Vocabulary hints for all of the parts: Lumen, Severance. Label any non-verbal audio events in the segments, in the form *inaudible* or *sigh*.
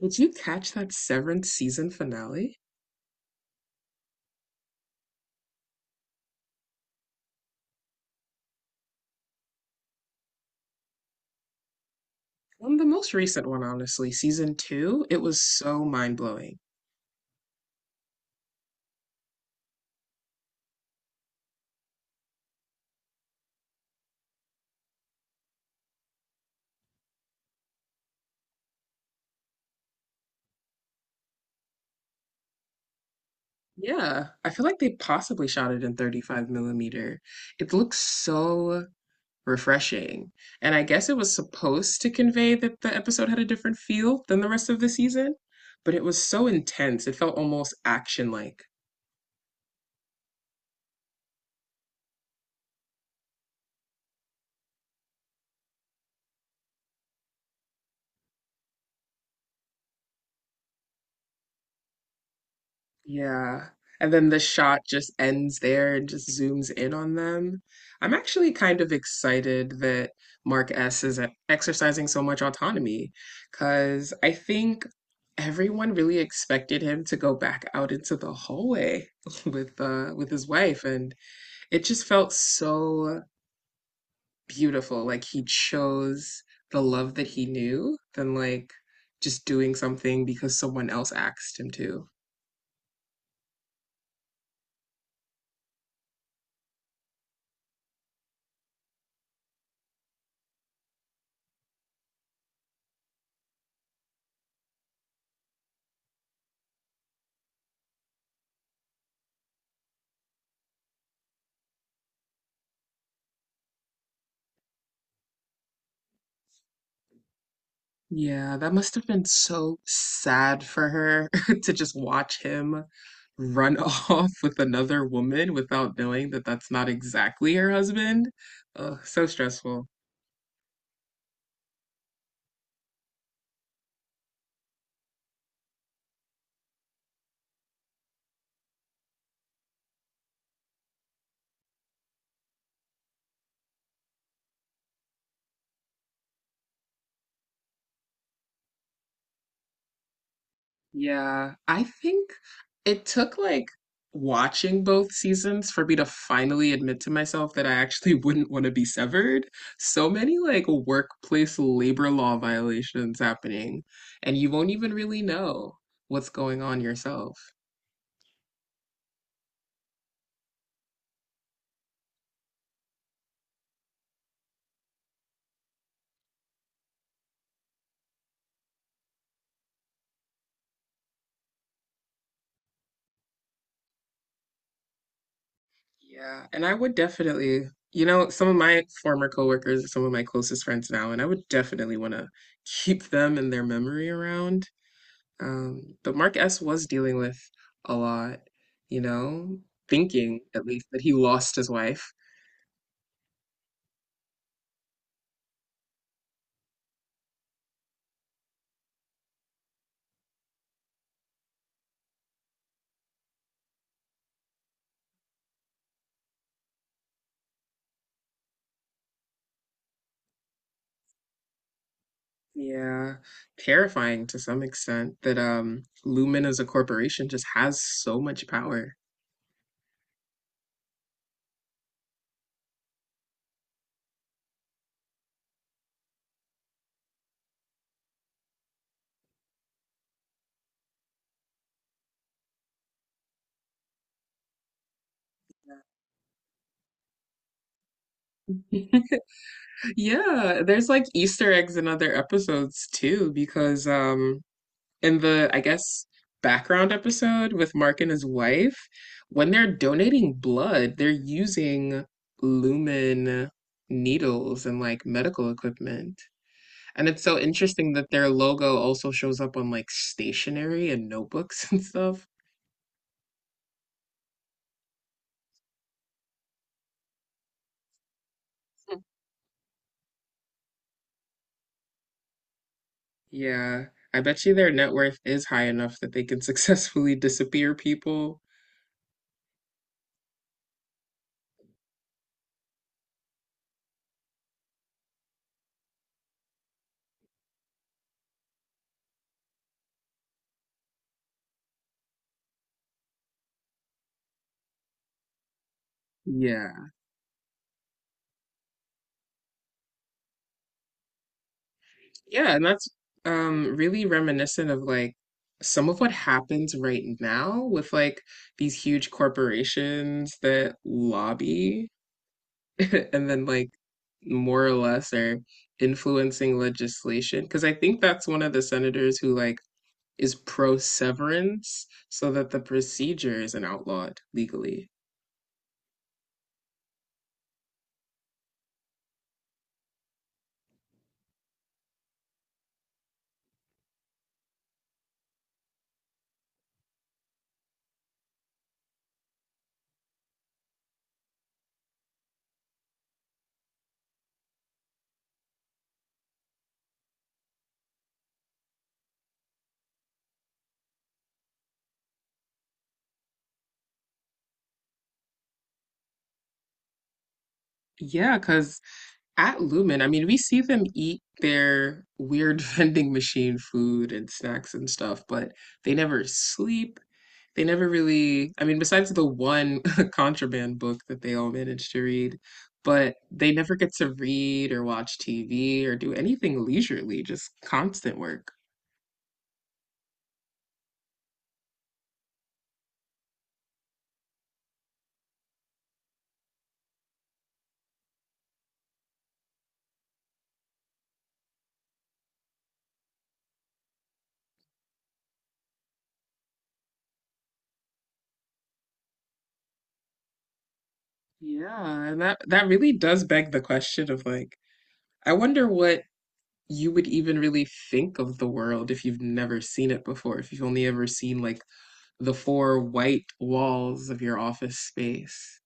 Did you catch that seventh season finale? The most recent one, honestly, season two, it was so mind-blowing. Yeah, I feel like they possibly shot it in 35 millimeter. It looks so refreshing. And I guess it was supposed to convey that the episode had a different feel than the rest of the season, but it was so intense. It felt almost action-like. Yeah. And then the shot just ends there and just zooms in on them. I'm actually kind of excited that Mark S is exercising so much autonomy because I think everyone really expected him to go back out into the hallway *laughs* with his wife, and it just felt so beautiful. Like, he chose the love that he knew than like just doing something because someone else asked him to. Yeah, that must have been so sad for her *laughs* to just watch him run *laughs* off with another woman without knowing that that's not exactly her husband. Ugh, so stressful. Yeah, I think it took like watching both seasons for me to finally admit to myself that I actually *laughs* wouldn't want to be severed. So many like workplace labor law violations happening, and you won't even really know what's going on yourself. Yeah, and I would definitely, you know, some of my former coworkers are some of my closest friends now, and I would definitely want to keep them and their memory around. But Mark S was dealing with a lot, you know, thinking at least that he lost his wife. Yeah, terrifying to some extent that Lumen as a corporation just has so much power. *laughs* Yeah, there's like Easter eggs in other episodes too, because in the I guess background episode with Mark and his wife, when they're donating blood, they're using lumen needles and like medical equipment. And it's so interesting that their logo also shows up on like stationery and notebooks *laughs* and stuff. Yeah. I bet you their net worth is high enough that they can *laughs* successfully disappear people. Yeah. Yeah, and that's really reminiscent of like some of what happens right now with like these huge corporations that lobby *laughs* and then like more or less are influencing legislation. Because I think that's one of the senators who like is pro severance so that the procedure isn't outlawed legally. Yeah, because at Lumen, I mean, we see them eat their weird *laughs* vending machine food and snacks and stuff, but they never sleep. They never really, I mean, besides the one *laughs* contraband book that they all managed to read, but they never get to read or watch TV or do anything leisurely, just constant work. Yeah, and that really does beg the question of like, I wonder what you would even really think of the world if you've never seen it before, if you've only ever seen like the four white walls of your office space.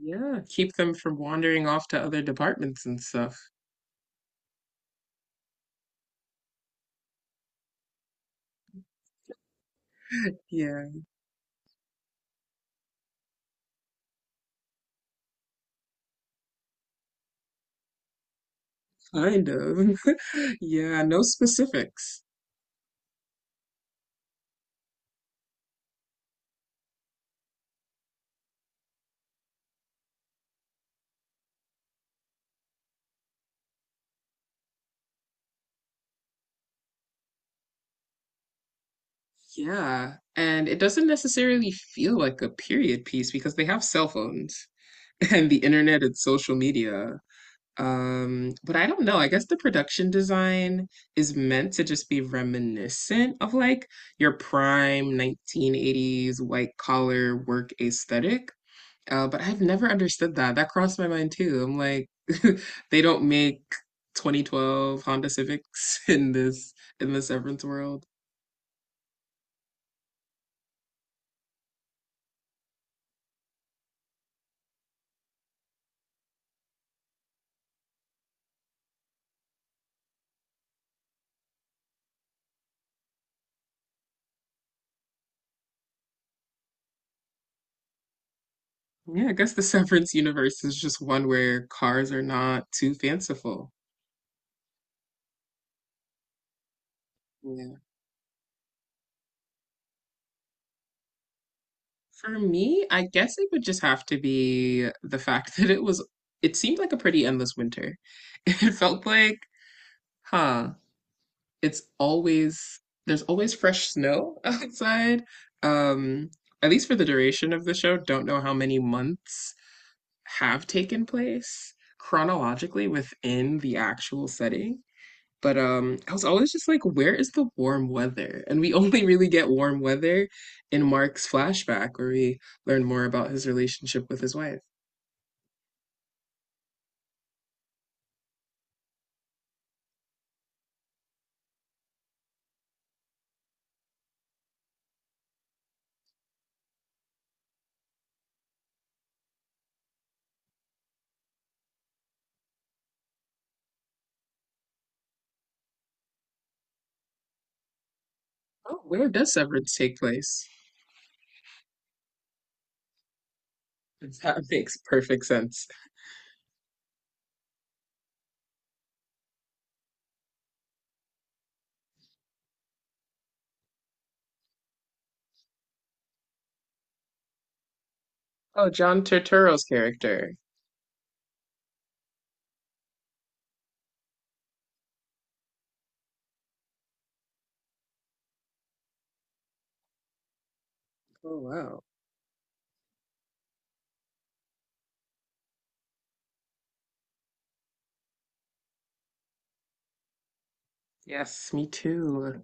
Yeah, keep them from wandering off to other departments and stuff. Yeah, kind of. *laughs* Yeah, no specifics. Yeah, and it doesn't necessarily feel like a period piece because they have cell phones *laughs* and the internet and social media. But I don't know. I guess the production design is meant to just be reminiscent of like your prime 1980s white collar work aesthetic. But I've never understood that. That crossed my mind too. I'm like, *laughs* they don't make 2012 Honda Civics *laughs* in this in the Severance world. Yeah, I guess the Severance universe is just one where cars are not too fanciful. Yeah. For me, I guess it would just have to be the fact *laughs* that it was, it seemed like a pretty endless winter. *laughs* It felt like, huh, it's always, there's always fresh snow *laughs* outside. Um, at least for the duration of the show, don't know how many months have taken place chronologically within the actual setting. But I was always just like, where is the warm weather? And we *laughs* only really get warm weather in Mark's flashback, where we learn more about his relationship with his wife. Oh, where does severance take place? That *laughs* makes perfect sense. Oh, John Turturro's character. Oh, wow. Yes, me too.